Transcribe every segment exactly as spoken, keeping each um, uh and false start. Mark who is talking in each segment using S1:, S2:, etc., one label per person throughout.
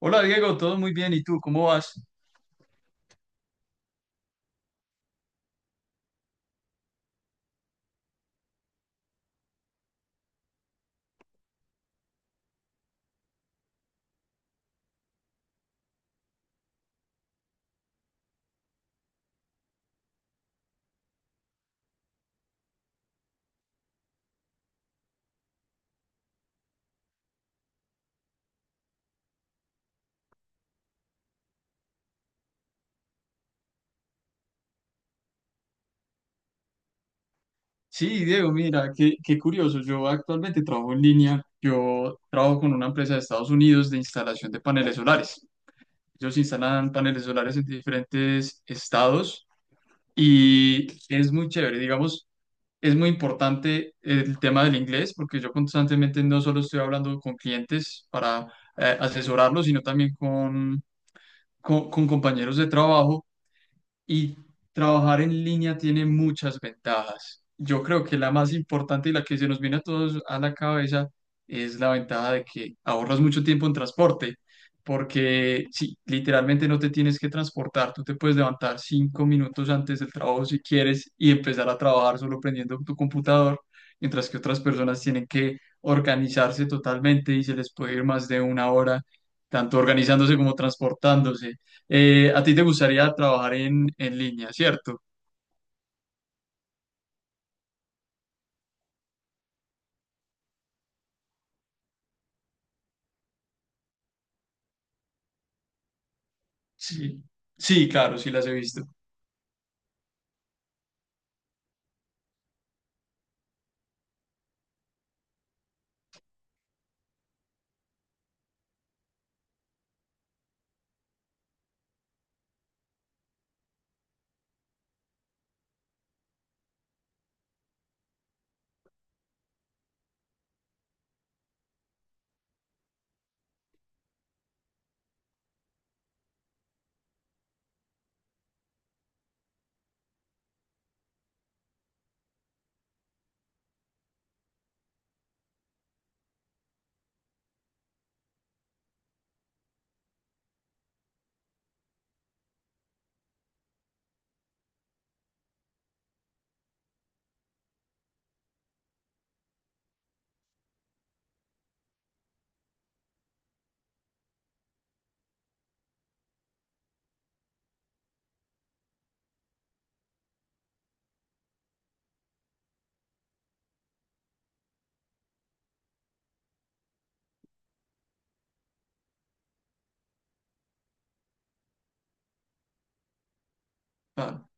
S1: Hola Diego, todo muy bien. ¿Y tú cómo vas? Sí, Diego, mira, qué, qué curioso. Yo actualmente trabajo en línea. Yo trabajo con una empresa de Estados Unidos de instalación de paneles solares. Ellos instalan paneles solares en diferentes estados y es muy chévere. Digamos, es muy importante el tema del inglés porque yo constantemente no solo estoy hablando con clientes para eh, asesorarlos, sino también con, con con compañeros de trabajo. Y trabajar en línea tiene muchas ventajas. Yo creo que la más importante y la que se nos viene a todos a la cabeza es la ventaja de que ahorras mucho tiempo en transporte, porque sí, literalmente no te tienes que transportar, tú te puedes levantar cinco minutos antes del trabajo si quieres y empezar a trabajar solo prendiendo tu computador, mientras que otras personas tienen que organizarse totalmente y se les puede ir más de una hora, tanto organizándose como transportándose. Eh, a ti te gustaría trabajar en, en línea, ¿cierto? Sí, sí, claro, sí las he visto. Claro.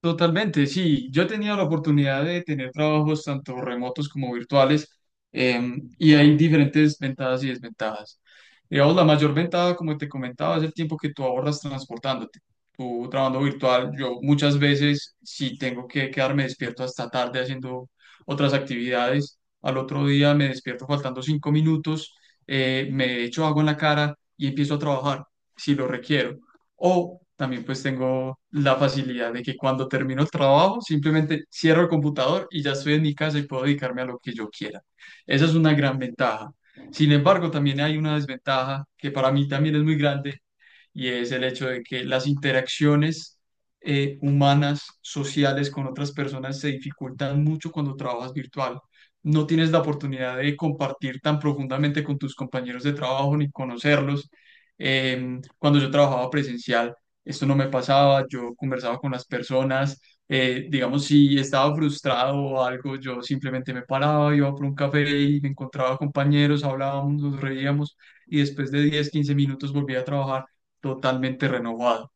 S1: Totalmente, sí. Yo he tenido la oportunidad de tener trabajos tanto remotos como virtuales, em, y hay diferentes ventajas y desventajas. Digamos, la mayor ventaja, como te comentaba, es el tiempo que tú ahorras transportándote. Tú trabajando virtual, yo muchas veces si tengo que quedarme despierto hasta tarde haciendo otras actividades. Al otro día me despierto faltando cinco minutos, eh, me echo agua en la cara y empiezo a trabajar si lo requiero. O también pues tengo la facilidad de que cuando termino el trabajo simplemente cierro el computador y ya estoy en mi casa y puedo dedicarme a lo que yo quiera. Esa es una gran ventaja. Sin embargo, también hay una desventaja que para mí también es muy grande y es el hecho de que las interacciones eh, humanas, sociales con otras personas se dificultan mucho cuando trabajas virtual. No tienes la oportunidad de compartir tan profundamente con tus compañeros de trabajo ni conocerlos. Eh, cuando yo trabajaba presencial, esto no me pasaba, yo conversaba con las personas, eh, digamos, si estaba frustrado o algo, yo simplemente me paraba, iba por un café y me encontraba compañeros, hablábamos, nos reíamos y después de diez quince minutos volvía a trabajar totalmente renovado,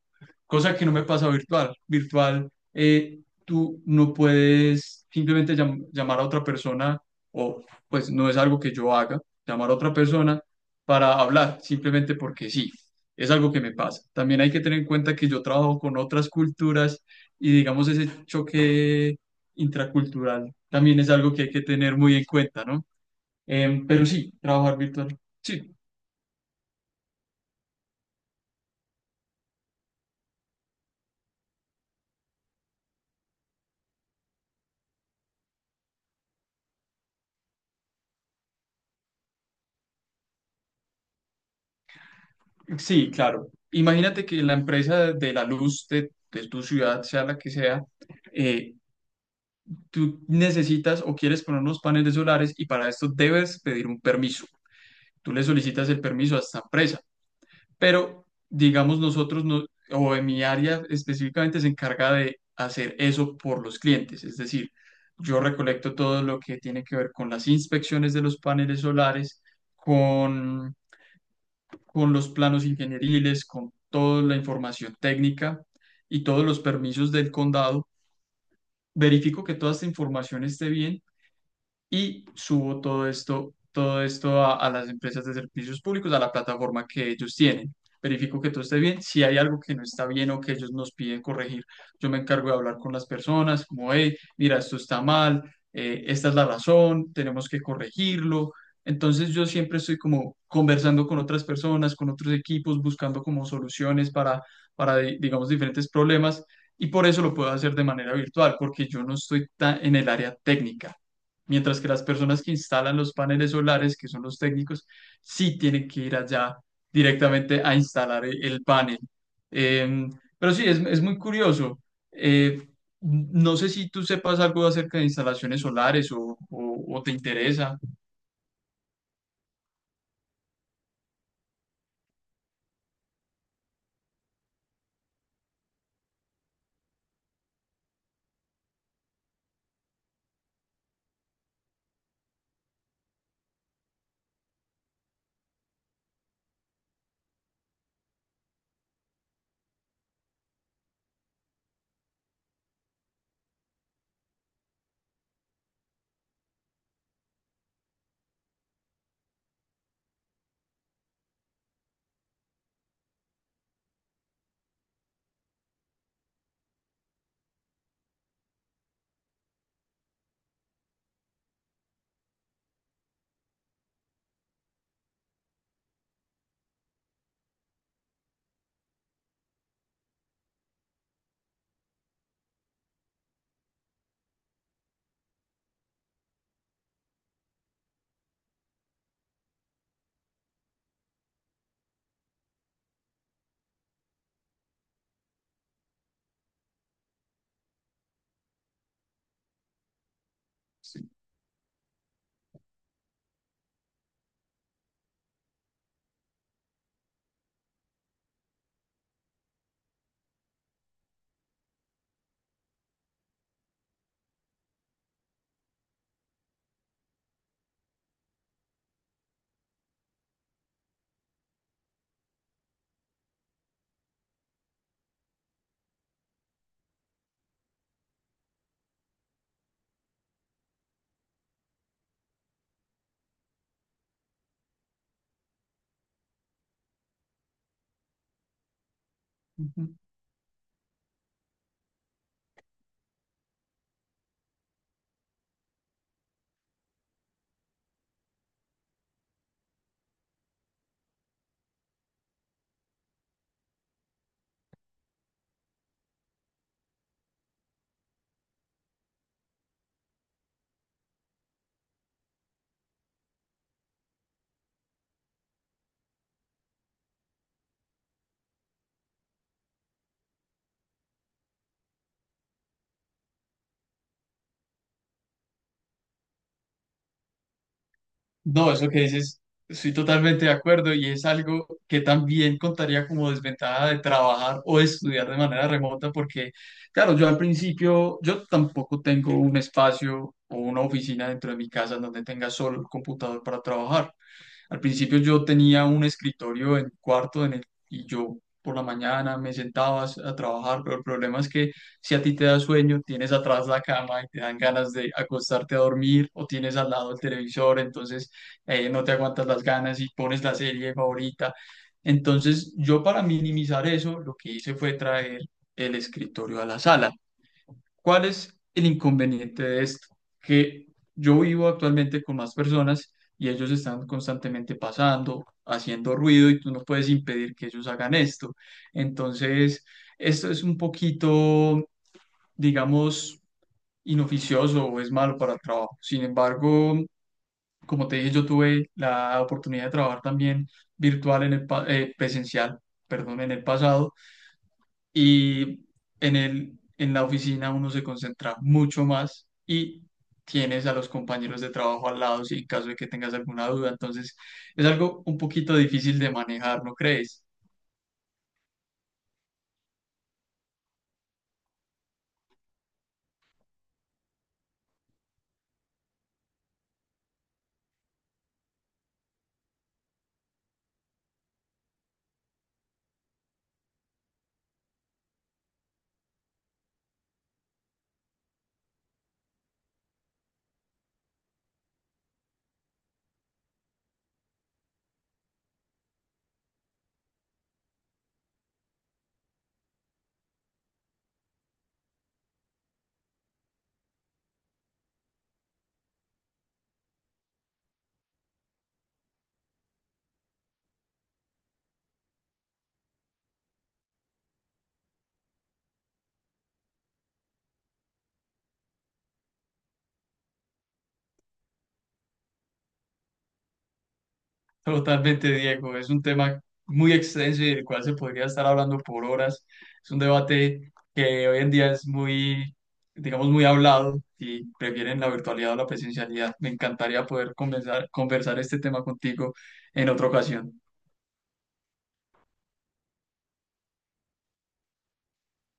S1: cosa que no me pasa virtual. Virtual, eh, tú no puedes simplemente llam- llamar a otra persona o pues no es algo que yo haga, llamar a otra persona para hablar, simplemente porque sí, es algo que me pasa. También hay que tener en cuenta que yo trabajo con otras culturas y digamos ese choque intracultural también es algo que hay que tener muy en cuenta, ¿no? Em, pero sí, trabajar virtual. Sí. Sí, claro. Imagínate que la empresa de la luz de, de tu ciudad, sea la que sea, eh, tú necesitas o quieres poner unos paneles solares y para esto debes pedir un permiso. Tú le solicitas el permiso a esta empresa, pero digamos nosotros, no, o en mi área específicamente, se encarga de hacer eso por los clientes. Es decir, yo recolecto todo lo que tiene que ver con las inspecciones de los paneles solares, con los planos ingenieriles, con toda la información técnica y todos los permisos del condado. Verifico que toda esta información esté bien y subo todo esto, todo esto a, a las empresas de servicios públicos, a la plataforma que ellos tienen. Verifico que todo esté bien. Si hay algo que no está bien o que ellos nos piden corregir, yo me encargo de hablar con las personas, como, hey, mira, esto está mal, eh, esta es la razón, tenemos que corregirlo. Entonces yo siempre estoy como conversando con otras personas, con otros equipos, buscando como soluciones para, para di- digamos, diferentes problemas y por eso lo puedo hacer de manera virtual, porque yo no estoy tan en el área técnica. Mientras que las personas que instalan los paneles solares, que son los técnicos, sí tienen que ir allá directamente a instalar e- el panel. Em, pero sí, es, es muy curioso. Eh, no sé si tú sepas algo acerca de instalaciones solares o, o- o te interesa. Sí. No, eso que dices, estoy totalmente de acuerdo y es algo que también contaría como desventaja de trabajar o de estudiar de manera remota porque, claro, yo al principio, yo tampoco tengo un espacio o una oficina dentro de mi casa en donde tenga solo el computador para trabajar. Al principio yo tenía un escritorio en mi cuarto en el, y yo por la mañana me sentaba a trabajar, pero el problema es que si a ti te da sueño, tienes atrás la cama y te dan ganas de acostarte a dormir o tienes al lado el televisor, entonces eh, no te aguantas las ganas y pones la serie favorita. Entonces yo para minimizar eso, lo que hice fue traer el escritorio a la sala. ¿Cuál es el inconveniente de esto? Que yo vivo actualmente con más personas y ellos están constantemente pasando, haciendo ruido y tú no puedes impedir que ellos hagan esto. Entonces, esto es un poquito, digamos, inoficioso o es malo para el trabajo. Sin embargo, como te dije, yo tuve la oportunidad de trabajar también virtual en el pa- eh, presencial, perdón, en el pasado y en el, en la oficina uno se concentra mucho más y tienes a los compañeros de trabajo al lado si en caso de que tengas alguna duda. Entonces, es algo un poquito difícil de manejar, ¿no crees? Totalmente, Diego. Es un tema muy extenso y del cual se podría estar hablando por horas. Es un debate que hoy en día es muy, digamos, muy hablado y prefieren la virtualidad o la presencialidad. Me encantaría poder conversar, conversar este tema contigo en otra ocasión.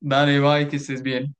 S1: Dale, bye, que estés bien.